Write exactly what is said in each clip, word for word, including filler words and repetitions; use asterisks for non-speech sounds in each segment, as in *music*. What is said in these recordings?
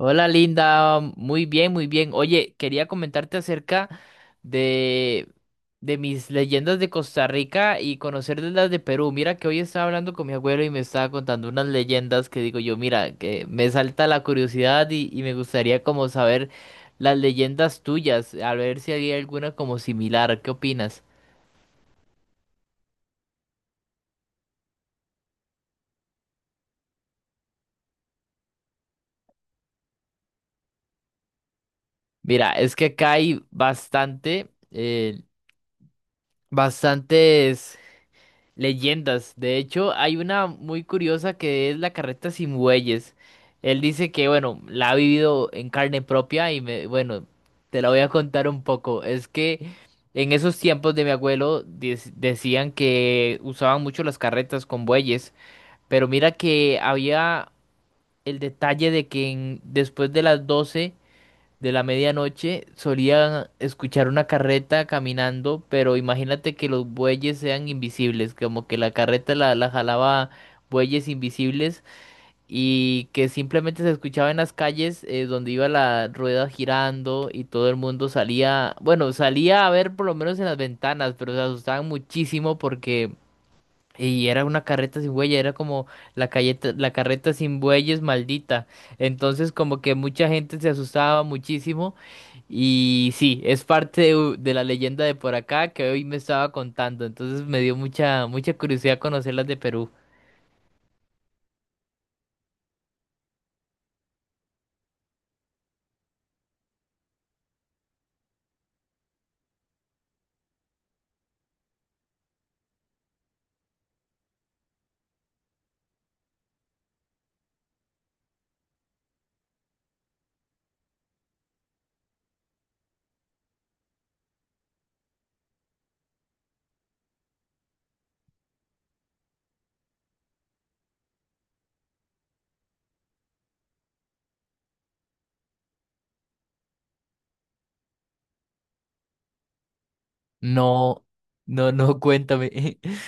Hola Linda, muy bien, muy bien. Oye, quería comentarte acerca de, de mis leyendas de Costa Rica y conocer de las de Perú. Mira que hoy estaba hablando con mi abuelo y me estaba contando unas leyendas que digo yo, mira, que me salta la curiosidad y, y me gustaría como saber las leyendas tuyas, a ver si había alguna como similar. ¿Qué opinas? Mira, es que acá hay bastante, eh, bastantes leyendas. De hecho, hay una muy curiosa que es la carreta sin bueyes. Él dice que, bueno, la ha vivido en carne propia y me, bueno, te la voy a contar un poco. Es que en esos tiempos de mi abuelo dec- decían que usaban mucho las carretas con bueyes, pero mira que había el detalle de que en- después de las doce de la medianoche solía escuchar una carreta caminando, pero imagínate que los bueyes sean invisibles, como que la carreta la, la jalaba bueyes invisibles y que simplemente se escuchaba en las calles, eh, donde iba la rueda girando y todo el mundo salía, bueno, salía a ver por lo menos en las ventanas, pero se asustaban muchísimo porque... Y era una carreta sin bueyes, era como la calleta- la carreta sin bueyes maldita. Entonces como que mucha gente se asustaba muchísimo. Y sí, es parte de, de la leyenda de por acá que hoy me estaba contando. Entonces me dio mucha, mucha curiosidad conocer las de Perú. No, no, no, cuéntame. *laughs*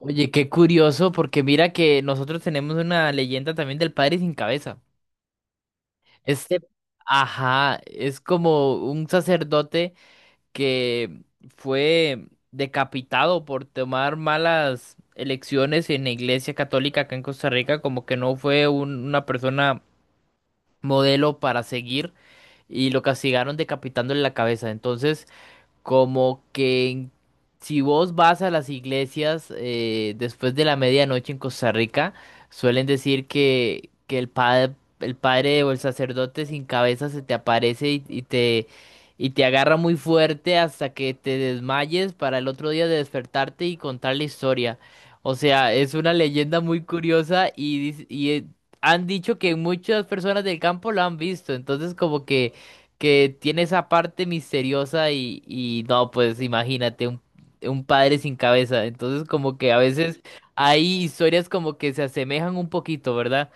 Oye, qué curioso, porque mira que nosotros tenemos una leyenda también del padre sin cabeza. Este, ajá, es como un sacerdote que fue decapitado por tomar malas elecciones en la iglesia católica acá en Costa Rica, como que no fue un- una persona modelo para seguir y lo castigaron decapitándole la cabeza. Entonces, como que en- si vos vas a las iglesias, eh, después de la medianoche en Costa Rica, suelen decir que, que el padre, el padre o el sacerdote sin cabeza se te aparece y, y te, y te agarra muy fuerte hasta que te desmayes para el otro día de despertarte y contar la historia. O sea, es una leyenda muy curiosa y, dice- y eh, han dicho que muchas personas del campo lo han visto, entonces como que que tiene esa parte misteriosa y, y no, pues imagínate un, un padre sin cabeza. Entonces como que a veces hay historias como que se asemejan un poquito, ¿verdad?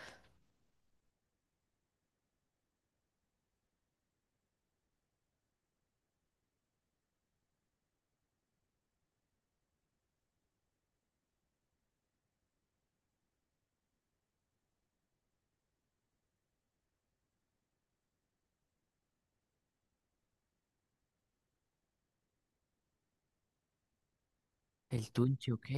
El Tunche, ¿ok?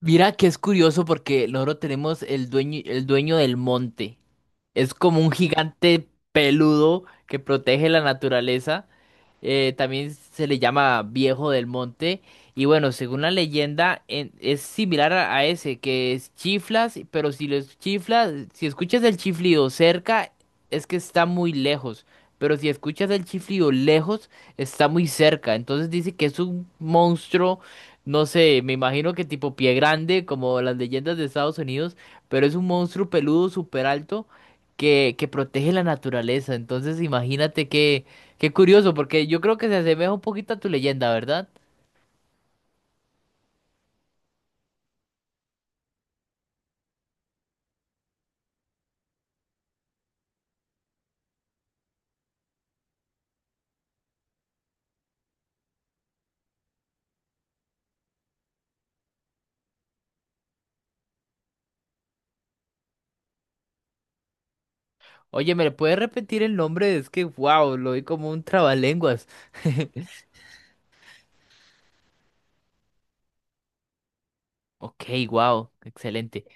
Mira que es curioso porque nosotros tenemos el dueño, el dueño del monte. Es como un gigante peludo que protege la naturaleza. Eh, también se le llama Viejo del Monte. Y bueno, según la leyenda, en- es similar a, a ese, que es chiflas, pero si los chiflas, si escuchas el chiflido cerca, es que está muy lejos. Pero si escuchas el chiflido lejos, está muy cerca. Entonces dice que es un monstruo, no sé, me imagino que tipo pie grande, como las leyendas de Estados Unidos, pero es un monstruo peludo súper alto que, que protege la naturaleza. Entonces imagínate que qué curioso, porque yo creo que se asemeja un poquito a tu leyenda, ¿verdad? Oye, ¿me puedes repetir el nombre? Es que, wow, lo vi como un trabalenguas. *laughs* Ok, wow, excelente.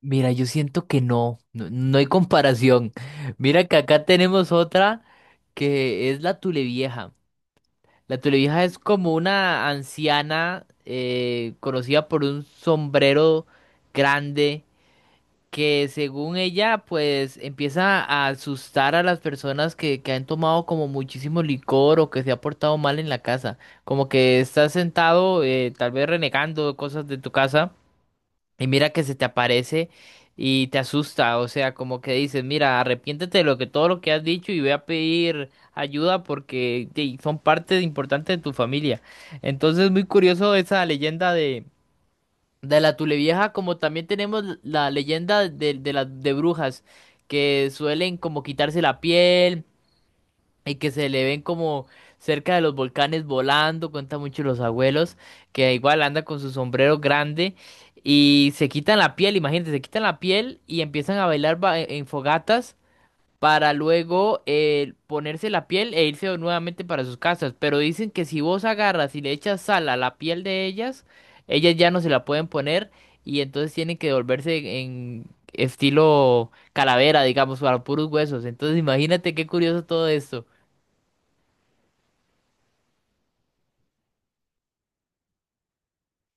Mira, yo siento que no, no, no hay comparación. Mira que acá tenemos otra que es la Tulevieja. La Tulevieja es como una anciana, eh, conocida por un sombrero grande que según ella, pues empieza a asustar a las personas que, que han tomado como muchísimo licor o que se ha portado mal en la casa. Como que estás sentado, eh, tal vez renegando cosas de tu casa, y mira que se te aparece y te asusta. O sea, como que dices, mira, arrepiéntete de lo que todo lo que has dicho y ve a pedir ayuda porque ey, son parte importante de tu familia. Entonces, muy curioso esa leyenda de la Tulevieja, como también tenemos la leyenda de, de las de brujas, que suelen como quitarse la piel y que se le ven como cerca de los volcanes volando, cuentan mucho los abuelos, que igual anda con su sombrero grande y se quitan la piel, imagínate, se quitan la piel y empiezan a bailar ba- en fogatas para luego eh, ponerse la piel e irse nuevamente para sus casas. Pero dicen que si vos agarras y le echas sal a la piel de ellas, ellas ya no se la pueden poner y entonces tienen que volverse en estilo calavera, digamos, para puros huesos. Entonces imagínate qué curioso todo esto.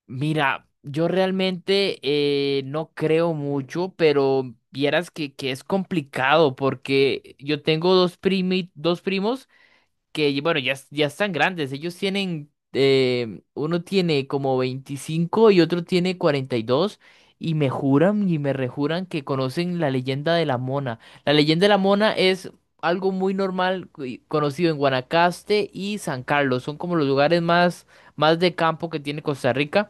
Mira, yo realmente eh, no creo mucho, pero vieras que, que es complicado porque yo tengo dos primi- dos primos que bueno, ya, es- ya están grandes. Ellos tienen, eh, uno tiene como veinticinco y otro tiene cuarenta y dos y dos y me juran y me rejuran que conocen la leyenda de la Mona. La leyenda de la Mona es algo muy normal y conocido en Guanacaste y San Carlos. Son como los lugares más, más de campo que tiene Costa Rica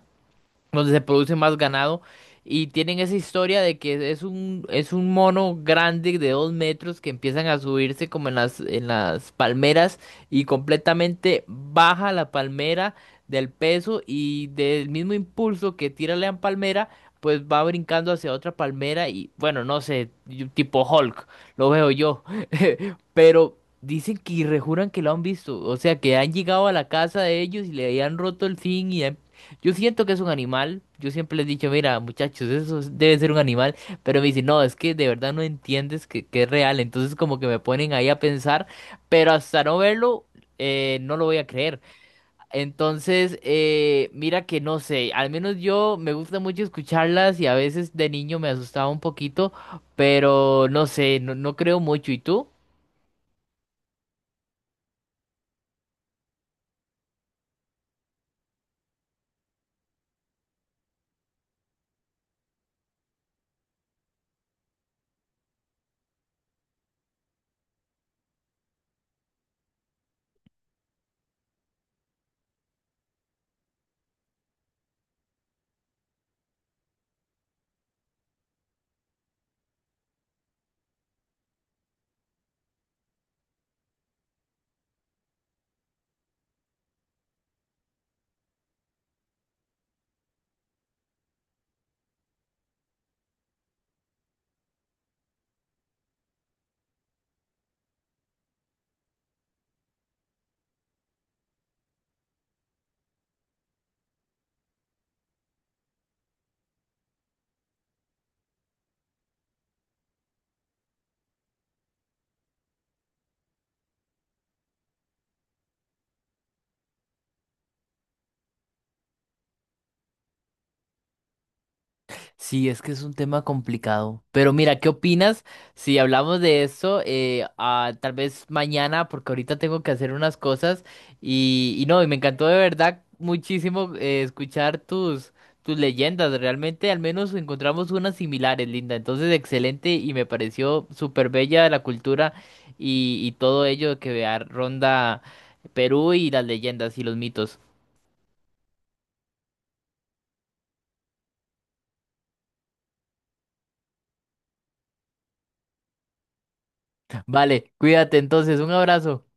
donde se produce más ganado. Y tienen esa historia de que es un, es un, mono grande de dos metros que empiezan a subirse como en las, en las palmeras y completamente baja la palmera del peso y del mismo impulso que tira la palmera, pues va brincando hacia otra palmera y bueno, no sé, yo- tipo Hulk, lo veo yo. *laughs* Pero dicen que y rejuran que lo han visto, o sea, que han llegado a la casa de ellos y le han roto el zinc y han yo siento que es un animal. Yo siempre les he dicho, mira, muchachos, eso es- debe ser un animal. Pero me dicen, no, es que de verdad no entiendes que, que es real. Entonces como que me ponen ahí a pensar, pero hasta no verlo, eh, no lo voy a creer. Entonces, eh, mira que no sé, al menos yo me gusta mucho escucharlas y a veces de niño me asustaba un poquito, pero no sé, no, no creo mucho. ¿Y tú? Sí, es que es un tema complicado. Pero mira, ¿qué opinas si hablamos de eso eh, ah, tal vez mañana? Porque ahorita tengo que hacer unas cosas. Y, y no, y me encantó de verdad muchísimo eh, escuchar tus, tus leyendas. Realmente al menos encontramos unas similares, Linda. Entonces, excelente y me pareció súper bella la cultura y, y todo ello que ah, ronda Perú y las leyendas y los mitos. Vale, cuídate entonces. Un abrazo.